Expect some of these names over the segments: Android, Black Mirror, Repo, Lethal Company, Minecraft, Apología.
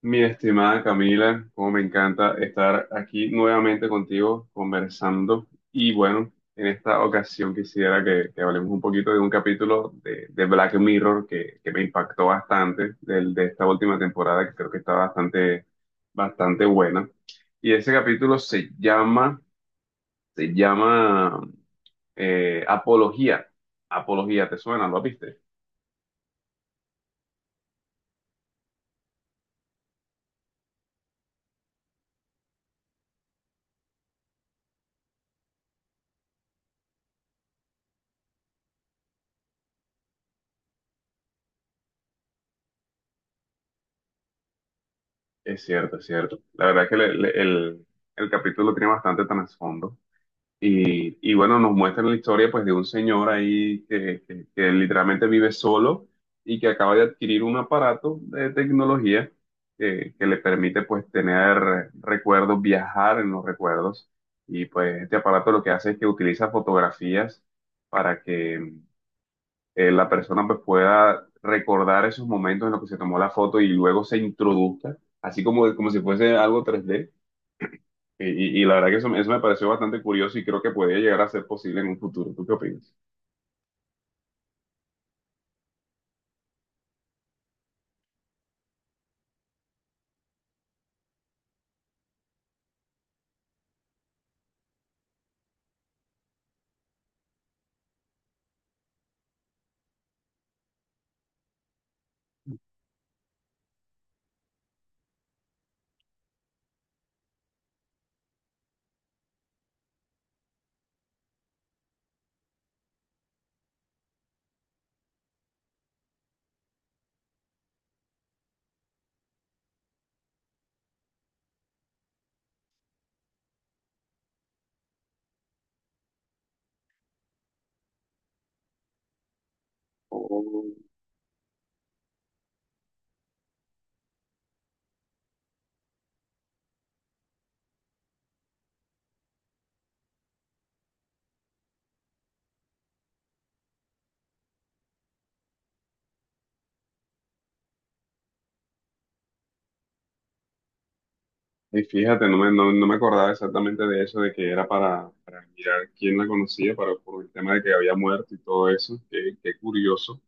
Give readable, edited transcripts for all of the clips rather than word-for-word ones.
Mi estimada Camila, como me encanta estar aquí nuevamente contigo conversando. Y bueno, en esta ocasión quisiera que hablemos un poquito de un capítulo de Black Mirror que me impactó bastante de esta última temporada, que creo que está bastante buena. Y ese capítulo se llama Apología. Apología, ¿te suena? ¿Lo viste? Es cierto, es cierto. La verdad es que el capítulo tiene bastante trasfondo. Y bueno, nos muestran la historia pues de un señor ahí que literalmente vive solo y que acaba de adquirir un aparato de tecnología que le permite pues tener recuerdos, viajar en los recuerdos. Y pues este aparato lo que hace es que utiliza fotografías para que la persona pues pueda recordar esos momentos en los que se tomó la foto y luego se introduzca, así como, como si fuese algo 3D y, y la verdad que eso me pareció bastante curioso y creo que podría llegar a ser posible en un futuro. ¿Tú qué opinas? Oh. Y fíjate, no me acordaba exactamente de eso, de que era para mirar quién la conocía, para, por el tema de que había muerto y todo eso. Qué curioso.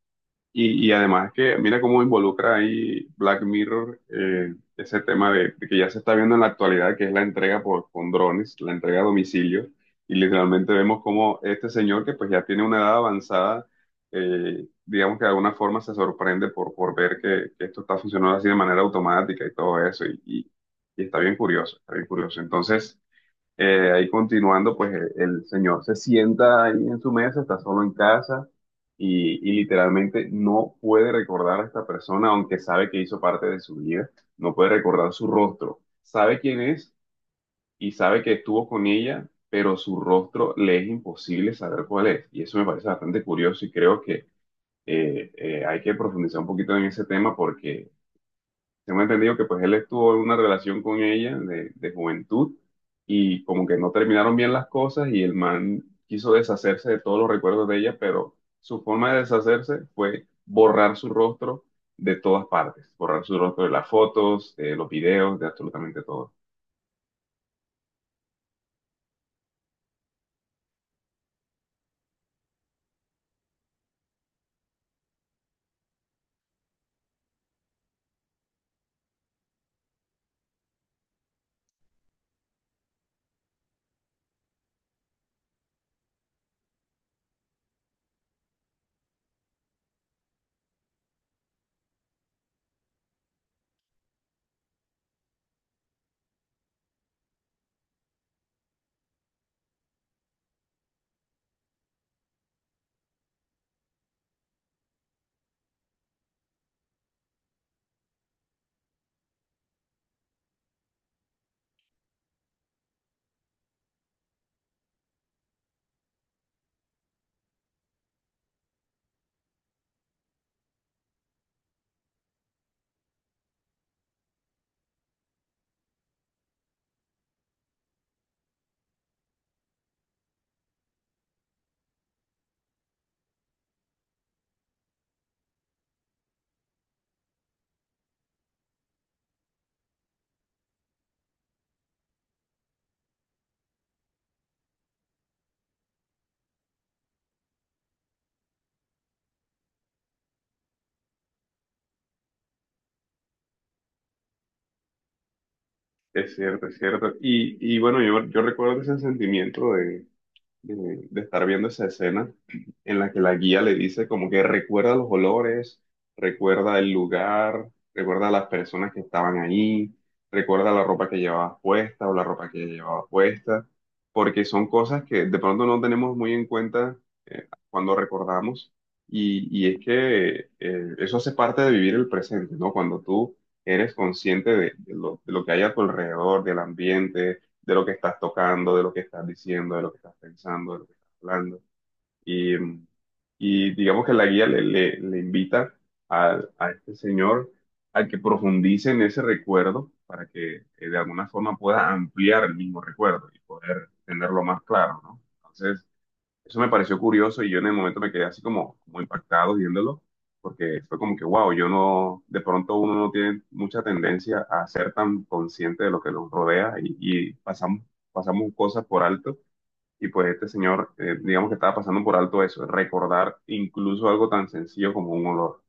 Y además que mira cómo involucra ahí Black Mirror, ese tema de que ya se está viendo en la actualidad, que es la entrega con drones, la entrega a domicilio, y literalmente vemos cómo este señor que pues ya tiene una edad avanzada, digamos que de alguna forma se sorprende por ver que esto está funcionando así de manera automática y todo eso, y está bien curioso, está bien curioso. Entonces... ahí continuando, pues el señor se sienta ahí en su mesa, está solo en casa y literalmente no puede recordar a esta persona, aunque sabe que hizo parte de su vida, no puede recordar su rostro. Sabe quién es y sabe que estuvo con ella, pero su rostro le es imposible saber cuál es. Y eso me parece bastante curioso y creo que hay que profundizar un poquito en ese tema porque tengo entendido que pues él estuvo en una relación con ella de juventud y como que no terminaron bien las cosas y el man quiso deshacerse de todos los recuerdos de ella, pero su forma de deshacerse fue borrar su rostro de todas partes, borrar su rostro de las fotos, de los videos, de absolutamente todo. Es cierto, es cierto. Y bueno, yo recuerdo ese sentimiento de estar viendo esa escena en la que la guía le dice como que recuerda los olores, recuerda el lugar, recuerda a las personas que estaban ahí, recuerda la ropa que llevabas puesta o la ropa que llevabas puesta, porque son cosas que de pronto no tenemos muy en cuenta cuando recordamos. Y es que eso hace parte de vivir el presente, ¿no? Cuando tú eres consciente de lo que hay a tu alrededor, del ambiente, de lo que estás tocando, de lo que estás diciendo, de lo que estás pensando, de lo que estás hablando. Y, y digamos que la guía le invita a este señor a que profundice en ese recuerdo para que de alguna forma pueda ampliar el mismo recuerdo y poder tenerlo más claro, ¿no? Entonces, eso me pareció curioso y yo en el momento me quedé así como impactado viéndolo, porque fue como que, wow, yo no, de pronto uno no tiene mucha tendencia a ser tan consciente de lo que nos rodea y pasamos cosas por alto. Y pues este señor, digamos que estaba pasando por alto eso, recordar incluso algo tan sencillo como un olor.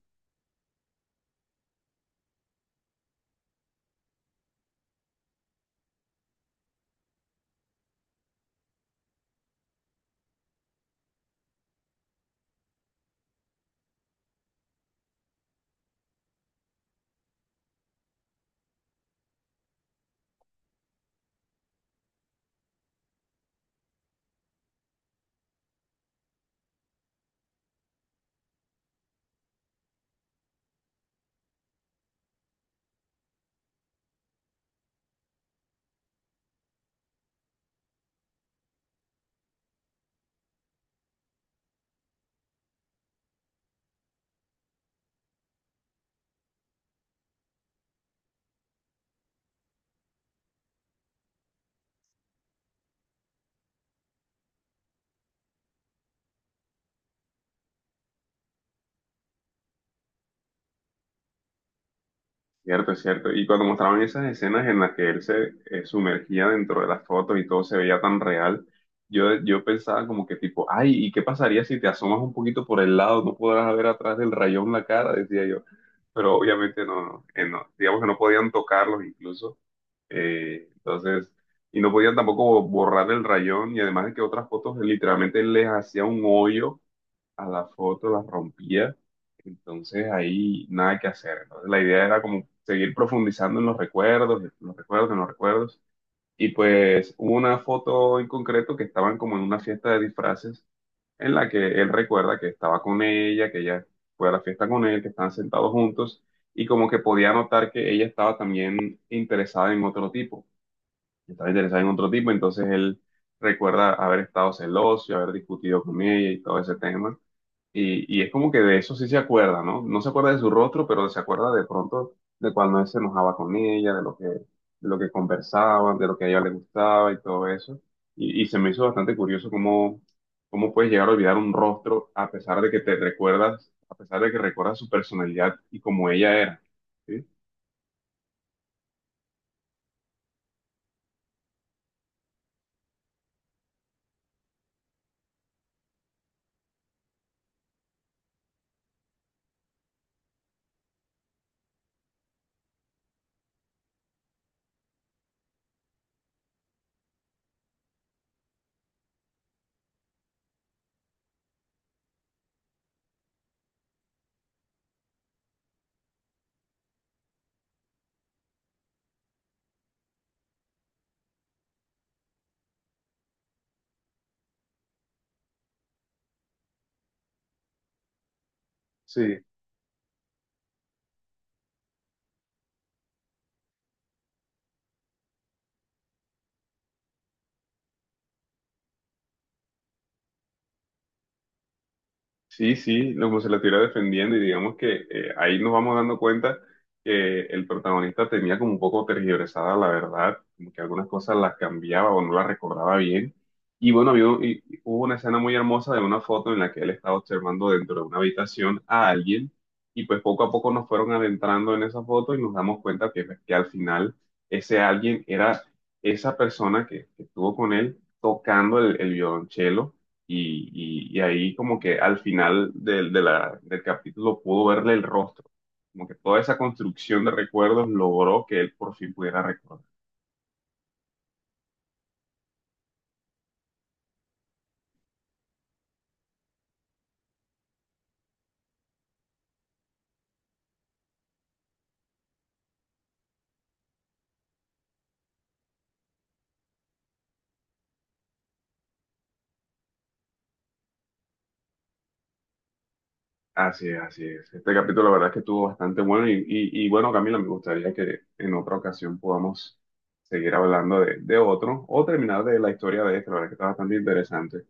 Cierto, es cierto. Y cuando mostraban esas escenas en las que él se sumergía dentro de las fotos y todo se veía tan real, yo pensaba como que tipo, ay, ¿y qué pasaría si te asomas un poquito por el lado? No podrás ver atrás del rayón la cara, decía yo. Pero obviamente no. Digamos que no podían tocarlos incluso. Entonces, y no podían tampoco borrar el rayón y además de que otras fotos literalmente les hacía un hoyo a la foto, la rompía. Entonces ahí nada que hacer. Entonces la idea era como seguir profundizando en los recuerdos, en los recuerdos, en los recuerdos. Y pues hubo una foto en concreto que estaban como en una fiesta de disfraces en la que él recuerda que estaba con ella, que ella fue a la fiesta con él, que estaban sentados juntos y como que podía notar que ella estaba también interesada en otro tipo. Estaba interesada en otro tipo, entonces él recuerda haber estado celoso y haber discutido con ella y todo ese tema. Y es como que de eso sí se acuerda, ¿no? No se acuerda de su rostro, pero se acuerda de pronto de cuando él se enojaba con ella, de lo que conversaban, de lo que a ella le gustaba y todo eso. Y se me hizo bastante curioso cómo puedes llegar a olvidar un rostro a pesar de que te recuerdas, a pesar de que recuerdas su personalidad y cómo ella era. ¿Sí? Sí. Sí, sí, como se la estuviera defendiendo y digamos que ahí nos vamos dando cuenta que el protagonista tenía como un poco tergiversada la verdad, como que algunas cosas las cambiaba o no las recordaba bien. Y bueno, había un- y hubo una escena muy hermosa de una foto en la que él estaba observando dentro de una habitación a alguien y pues poco a poco nos fueron adentrando en esa foto y nos damos cuenta que, pues, que al final ese alguien era esa persona que estuvo con él tocando el violonchelo y, y ahí como que al final del capítulo pudo verle el rostro, como que toda esa construcción de recuerdos logró que él por fin pudiera recordar. Así es, así es. Este capítulo la verdad es que estuvo bastante bueno y, y bueno, Camila, me gustaría que en otra ocasión podamos seguir hablando de otro o terminar de la historia de este, la verdad que está bastante interesante.